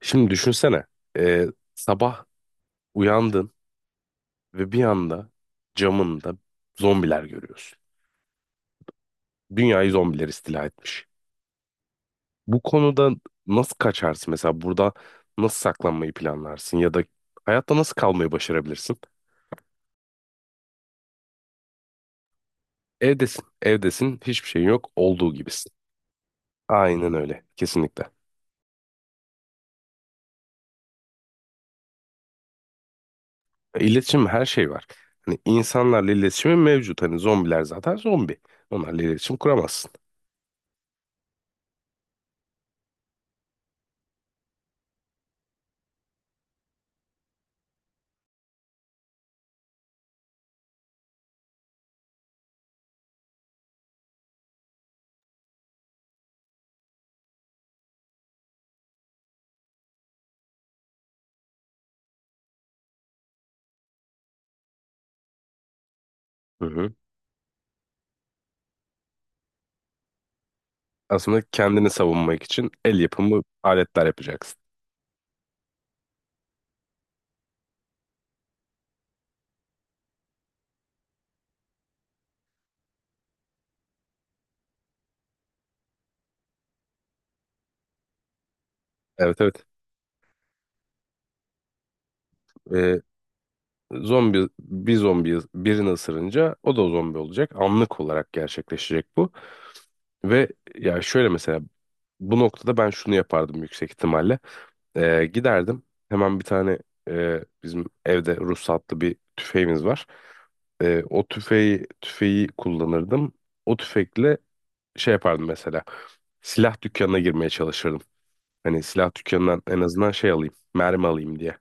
Şimdi düşünsene. e, Sabah uyandın ve bir anda camında zombiler görüyorsun. Dünyayı zombiler istila etmiş. Bu konuda nasıl kaçarsın? Mesela burada nasıl saklanmayı planlarsın? Ya da hayatta nasıl kalmayı başarabilirsin? Evdesin, evdesin, hiçbir şeyin yok, olduğu gibisin. Aynen öyle, kesinlikle. İletişim her şey var. Hani insanlarla iletişimin mevcut. Hani zombiler zaten zombi. Onlarla iletişim kuramazsın. Hı hı. Aslında kendini savunmak için el yapımı aletler yapacaksın. Evet, evet. Ee, Zombi bir zombi birini ısırınca o da zombi olacak. Anlık olarak gerçekleşecek bu. Ve ya şöyle mesela bu noktada ben şunu yapardım yüksek ihtimalle. Giderdim hemen bir tane bizim evde ruhsatlı bir tüfeğimiz var. O tüfeği kullanırdım. O tüfekle şey yapardım mesela. Silah dükkanına girmeye çalışırdım. Hani silah dükkanından en azından şey alayım. Mermi alayım diye.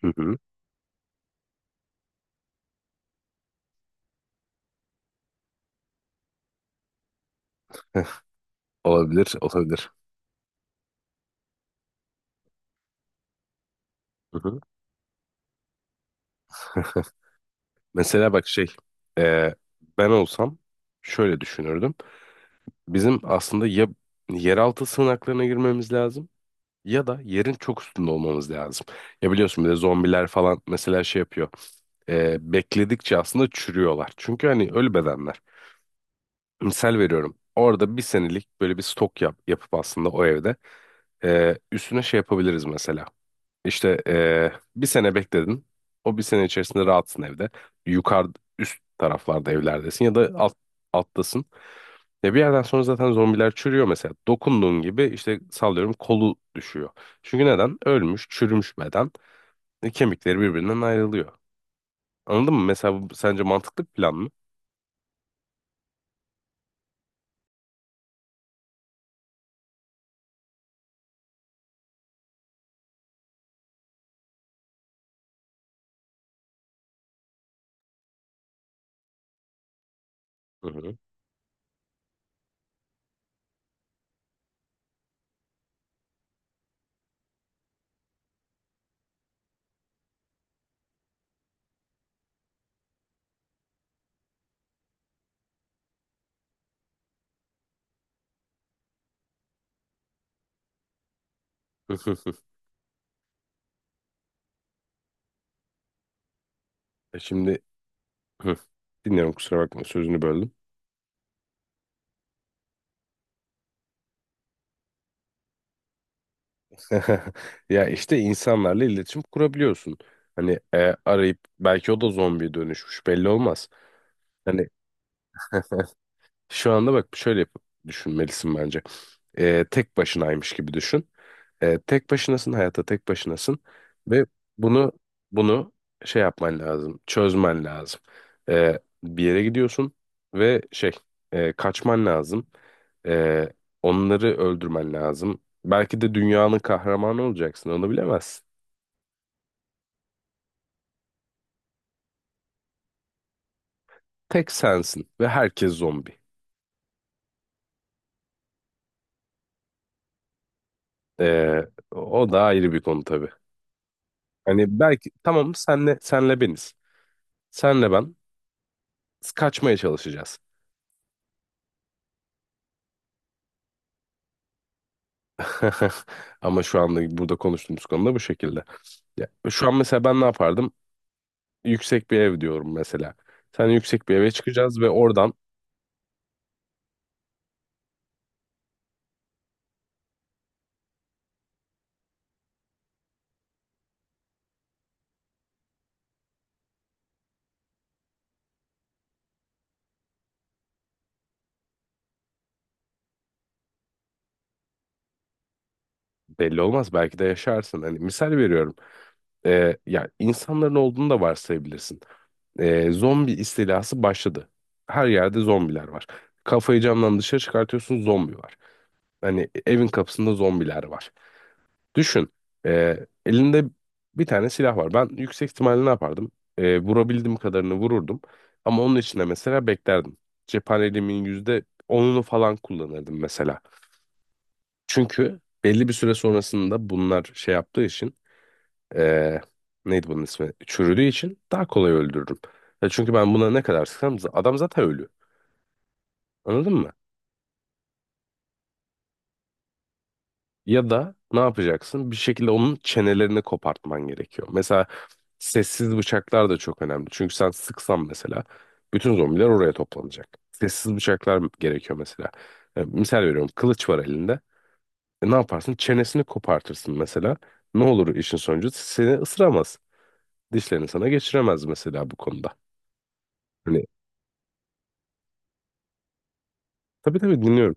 Hı hı. Heh, olabilir, olabilir. Hı hı. Mesela bak şey, e, ben olsam şöyle düşünürdüm. Bizim aslında ya yeraltı sığınaklarına girmemiz lazım ya da yerin çok üstünde olmamız lazım. Ya biliyorsun bir de zombiler falan mesela şey yapıyor. Bekledikçe aslında çürüyorlar. Çünkü hani ölü bedenler. Misal veriyorum. Orada bir senelik böyle bir stok yapıp aslında o evde üstüne şey yapabiliriz mesela. İşte bir sene bekledin. O bir sene içerisinde rahatsın evde. Yukarı üst taraflarda evlerdesin ya da alttasın. Ya bir yerden sonra zaten zombiler çürüyor mesela. Dokunduğun gibi işte sallıyorum kolu düşüyor. Çünkü neden? Ölmüş, çürümüş beden. Kemikleri birbirinden ayrılıyor. Anladın mı? Mesela bu sence mantıklı bir plan mı? Hı hı. E Şimdi hı. Dinliyorum, kusura bakma sözünü böldüm. Ya işte insanlarla iletişim kurabiliyorsun. Hani arayıp belki o da zombiye dönüşmüş, belli olmaz. Hani şu anda bak düşünmelisin bence. Tek başınaymış gibi düşün. Tek başınasın, hayatta tek başınasın ve bunu bunu şey yapman lazım, çözmen lazım. Bir yere gidiyorsun ve şey kaçman lazım. Ee, Onları öldürmen lazım. Belki de dünyanın kahramanı olacaksın, onu bilemezsin. Tek sensin ve herkes zombi. Ee, O da ayrı bir konu tabii. Hani belki tamam senle beniz. Senle ben kaçmaya çalışacağız. Ama şu anda burada konuştuğumuz konuda bu şekilde. Ya, şu an mesela ben ne yapardım? Yüksek bir ev diyorum mesela. Sen yüksek bir eve çıkacağız ve oradan belli olmaz, belki de yaşarsın. Hani misal veriyorum. Ya insanların olduğunu da varsayabilirsin. Zombi istilası başladı. Her yerde zombiler var. Kafayı camdan dışarı çıkartıyorsun, zombi var. Hani evin kapısında zombiler var. Düşün. e, Elinde bir tane silah var. Ben yüksek ihtimalle ne yapardım? Vurabildiğim kadarını vururdum. Ama onun içinde mesela beklerdim. Cephaneliğimin yüzde onunu falan kullanırdım mesela. Çünkü belli bir süre sonrasında bunlar şey yaptığı için e, neydi bunun ismi? Çürüdüğü için daha kolay öldürürüm. Ya çünkü ben buna ne kadar sıksam adam zaten ölü. Anladın mı? Ya da ne yapacaksın? Bir şekilde onun çenelerini kopartman gerekiyor. Mesela sessiz bıçaklar da çok önemli. Çünkü sen sıksan mesela bütün zombiler oraya toplanacak. Sessiz bıçaklar gerekiyor mesela. Misal veriyorum, kılıç var elinde. Ne yaparsın? Çenesini kopartırsın mesela. Ne olur işin sonucu? Seni ısıramaz. Dişlerini sana geçiremez mesela bu konuda. Hani tabii, tabii, dinliyorum.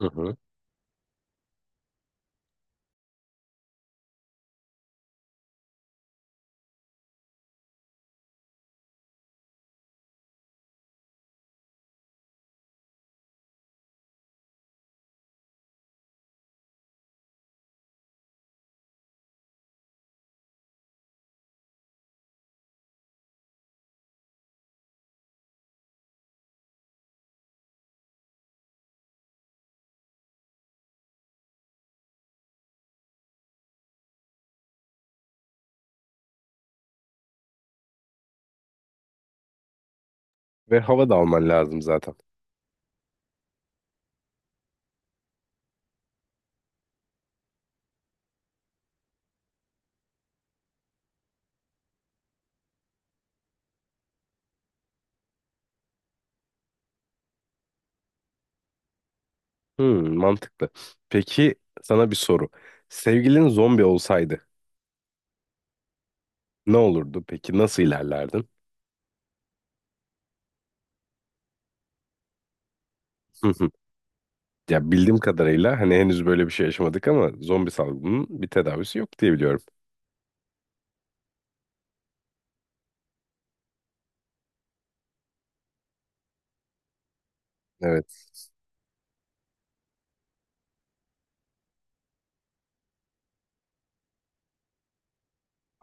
Hı hı. Ve hava da alman lazım zaten. Hmm, mantıklı. Peki sana bir soru. Sevgilin zombi olsaydı ne olurdu peki? Nasıl ilerlerdin? Hı hı. Ya bildiğim kadarıyla hani henüz böyle bir şey yaşamadık ama zombi salgının bir tedavisi yok diye biliyorum. Evet.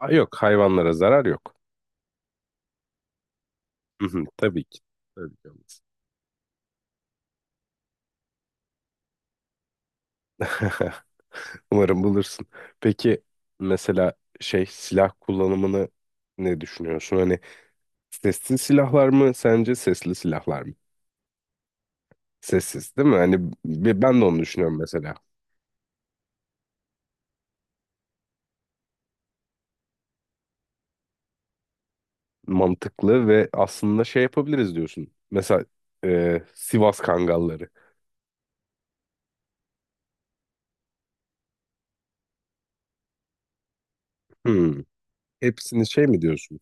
Aa, yok, hayvanlara zarar yok. Hı hı, tabii ki. Tabii ki olmaz. Umarım bulursun. Peki mesela şey silah kullanımını ne düşünüyorsun? Hani sessiz silahlar mı sence, sesli silahlar mı? Sessiz, değil mi? Hani ben de onu düşünüyorum mesela. Mantıklı, ve aslında şey yapabiliriz diyorsun. Mesela Sivas Kangalları. Hmm. Hepsini şey mi diyorsun?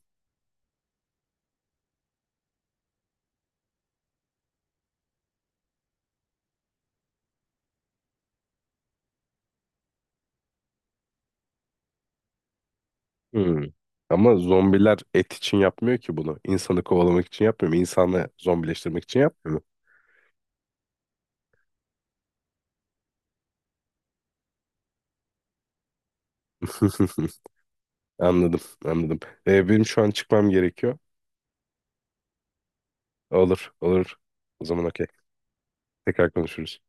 Hmm. Ama zombiler et için yapmıyor ki bunu. İnsanı kovalamak için yapmıyor mu? İnsanı zombileştirmek için yapmıyor mu? Anladım, anladım. Benim şu an çıkmam gerekiyor. Olur, olur. O zaman okey. Tekrar konuşuruz.